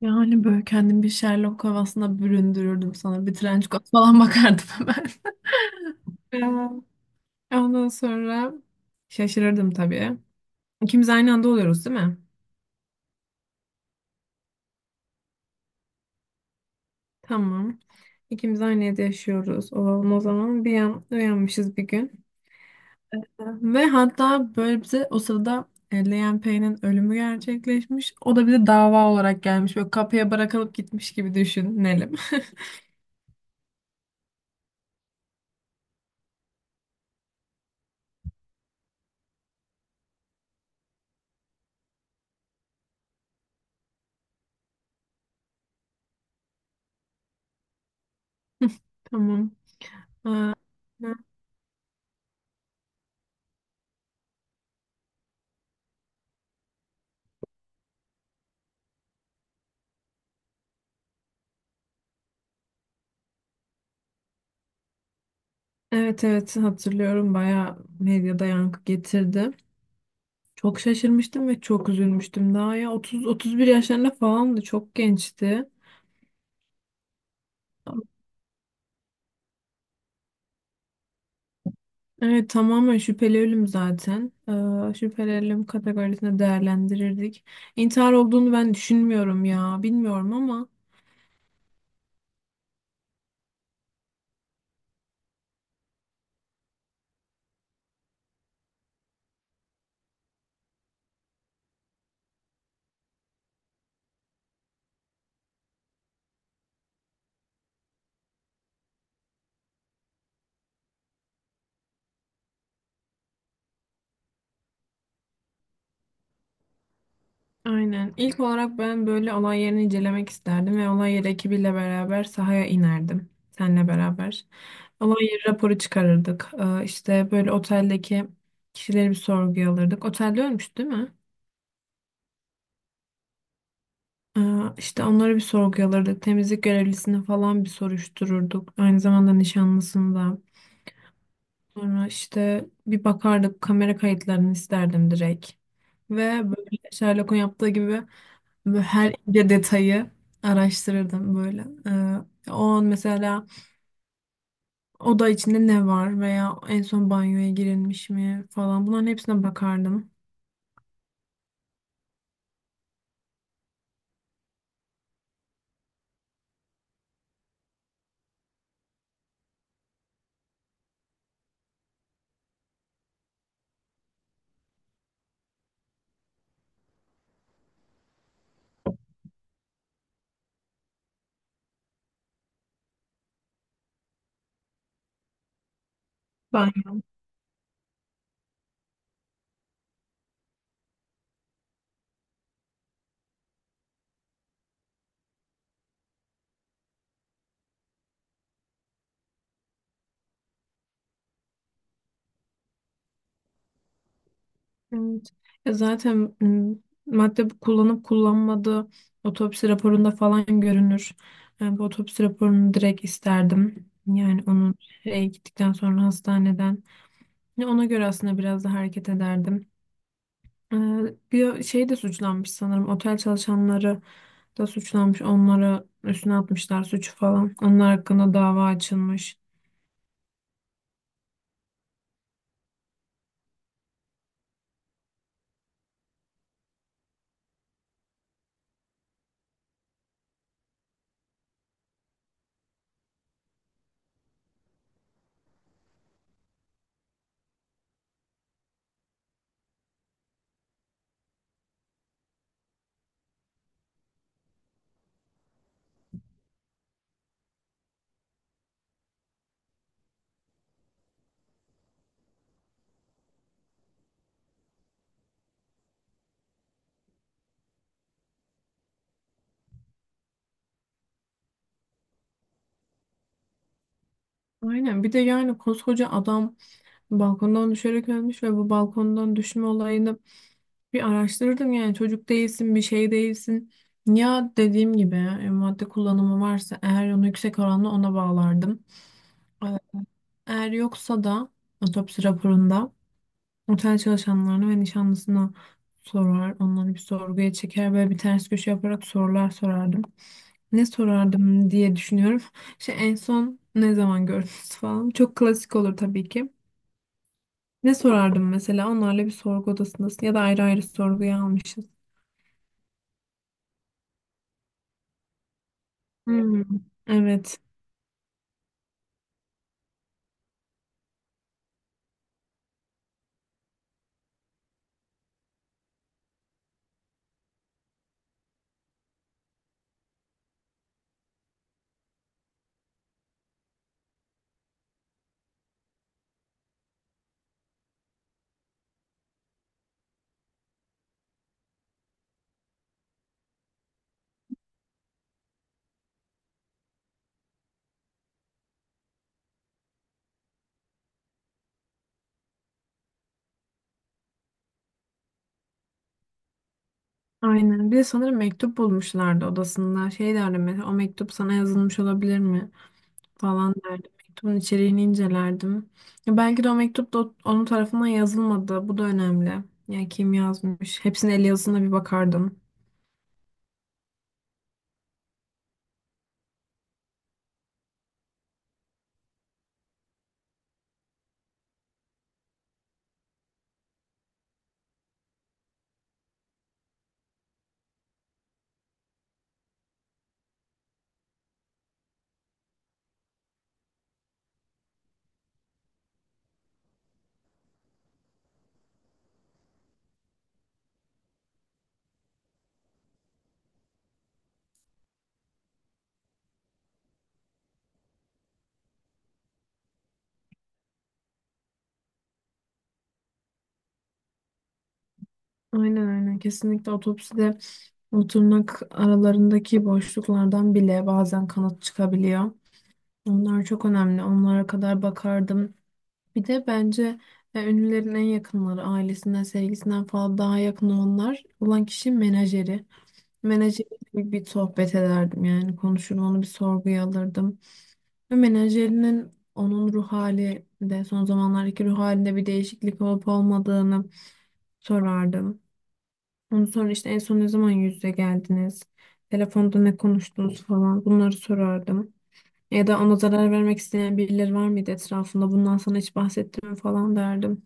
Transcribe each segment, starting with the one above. Yani böyle kendimi bir Sherlock havasına büründürürdüm sana. Bir trenç falan bakardım hemen. Ondan sonra şaşırırdım tabii. İkimiz aynı anda oluyoruz değil mi? Tamam. İkimiz aynı evde yaşıyoruz. Olalım o zaman. Bir an uyanmışız bir gün. Ve hatta böyle bize o sırada Leyen Pei'nin ölümü gerçekleşmiş. O da bize dava olarak gelmiş. Böyle kapıya bırakılıp gitmiş gibi düşünelim. Tamam. Ha, ha. Evet, evet, hatırlıyorum, bayağı medyada yankı getirdi. Çok şaşırmıştım ve çok üzülmüştüm. Daha ya 30, 31 yaşlarında falandı. Çok gençti. Evet, tamamen şüpheli ölüm zaten. Şüpheli ölüm kategorisine değerlendirirdik. İntihar olduğunu ben düşünmüyorum ya. Bilmiyorum ama. Aynen. İlk olarak ben böyle olay yerini incelemek isterdim ve olay yeri ekibiyle beraber sahaya inerdim. Seninle beraber. Olay yeri raporu çıkarırdık. İşte böyle oteldeki kişileri bir sorguya alırdık. Otelde ölmüş değil mi? Ee, işte onları bir sorguya alırdık. Temizlik görevlisini falan bir soruştururduk. Aynı zamanda nişanlısını da. Sonra işte bir bakardık, kamera kayıtlarını isterdim direkt. Ve böyle Sherlock'un yaptığı gibi böyle her ince detayı araştırırdım böyle. O an mesela oda içinde ne var veya en son banyoya girilmiş mi falan, bunların hepsine bakardım. Banyo. Evet. Ya zaten madde kullanıp kullanmadığı otopsi raporunda falan görünür. Yani bu otopsi raporunu direkt isterdim. Yani onun şeye gittikten sonra hastaneden. Ya ona göre aslında biraz da hareket ederdim. Ee, bir şey de suçlanmış sanırım. Otel çalışanları da suçlanmış. Onlara üstüne atmışlar suçu falan. Onlar hakkında dava açılmış. Aynen. Bir de yani koskoca adam balkondan düşerek ölmüş ve bu balkondan düşme olayını bir araştırırdım. Yani çocuk değilsin, bir şey değilsin. Ya dediğim gibi, madde kullanımı varsa eğer, onu yüksek oranla ona bağlardım. Ee, Eğer yoksa da otopsi raporunda otel çalışanlarına ve nişanlısına sorar. Onları bir sorguya çeker. Böyle bir ters köşe yaparak sorular sorardım. Ne sorardım diye düşünüyorum. İşte en son ne zaman gördünüz falan. Çok klasik olur tabii ki. Ne sorardım mesela? Onlarla bir sorgu odasındasın ya da ayrı ayrı sorguya almışız. Hmm. Evet. Aynen. Bir de sanırım mektup bulmuşlardı odasında. Şey derdim mesela, o mektup sana yazılmış olabilir mi falan derdim. Mektubun içeriğini incelerdim. Ya belki de o mektup da onun tarafından yazılmadı. Bu da önemli. Yani kim yazmış? Hepsinin el yazısına bir bakardım. Aynen, aynen. Kesinlikle otopside, o tırnak aralarındaki boşluklardan bile bazen kanıt çıkabiliyor. Onlar çok önemli. Onlara kadar bakardım. Bir de bence ünlülerin en yakınları, ailesinden, sevgisinden falan daha yakın olanlar olan kişi menajeri. Menajeriyle bir sohbet ederdim, yani konuşur, onu bir sorguya alırdım. Ve menajerinin onun ruh hali de, son zamanlardaki ruh halinde bir değişiklik olup olmadığını sorardım. Ondan sonra işte, en son ne zaman yüz yüze geldiniz? Telefonda ne konuştunuz falan, bunları sorardım. Ya da ona zarar vermek isteyen birileri var mıydı etrafında? Bundan sana hiç bahsettim mi falan derdim.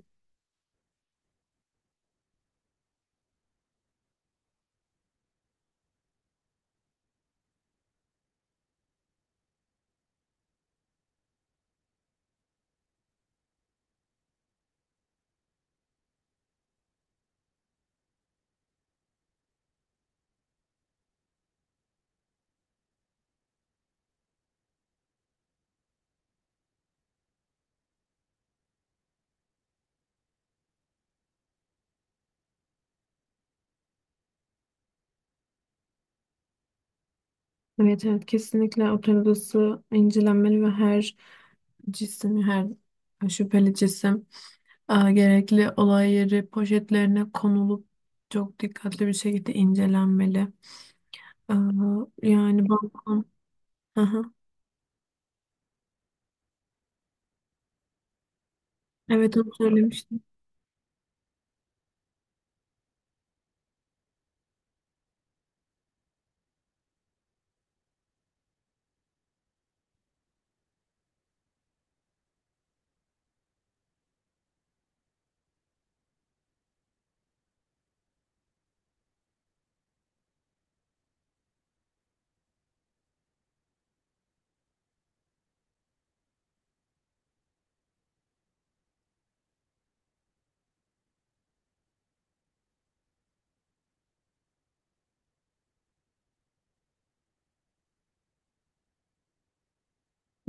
Evet, evet, kesinlikle otel odası incelenmeli ve her cisim, her şüpheli cisim gerekli olay yeri poşetlerine konulup çok dikkatli bir şekilde incelenmeli. E, yani balkon. Aha. Evet, onu söylemiştim.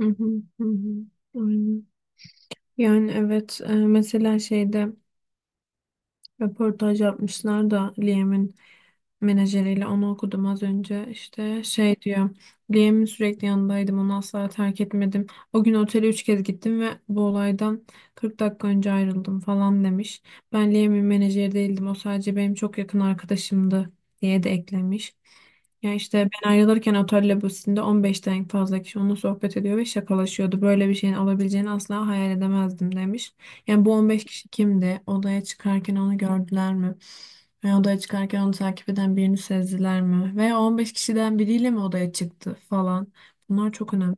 Hı hı, hı hı. Aynen. Yani evet, mesela şeyde röportaj yapmışlar da, Liam'in menajeriyle, onu okudum az önce. İşte şey diyor: Liam'in sürekli yanındaydım. Onu asla terk etmedim. O gün otele 3 kez gittim ve bu olaydan 40 dakika önce ayrıldım falan demiş. Ben Liam'in menajeri değildim. O sadece benim çok yakın arkadaşımdı diye de eklemiş. Ya işte, ben ayrılırken otel lobisinde 15'ten fazla kişi onunla sohbet ediyor ve şakalaşıyordu. Böyle bir şeyin olabileceğini asla hayal edemezdim demiş. Yani bu 15 kişi kimdi? Odaya çıkarken onu gördüler mi? Veya odaya çıkarken onu takip eden birini sezdiler mi? Veya 15 kişiden biriyle mi odaya çıktı falan? Bunlar çok önemli.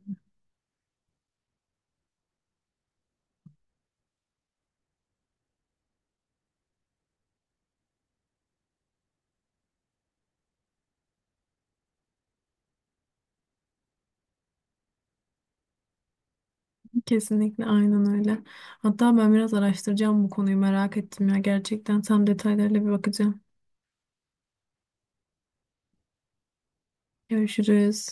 Kesinlikle, aynen öyle. Hatta ben biraz araştıracağım, bu konuyu merak ettim ya. Gerçekten tam detaylarıyla bir bakacağım. Görüşürüz.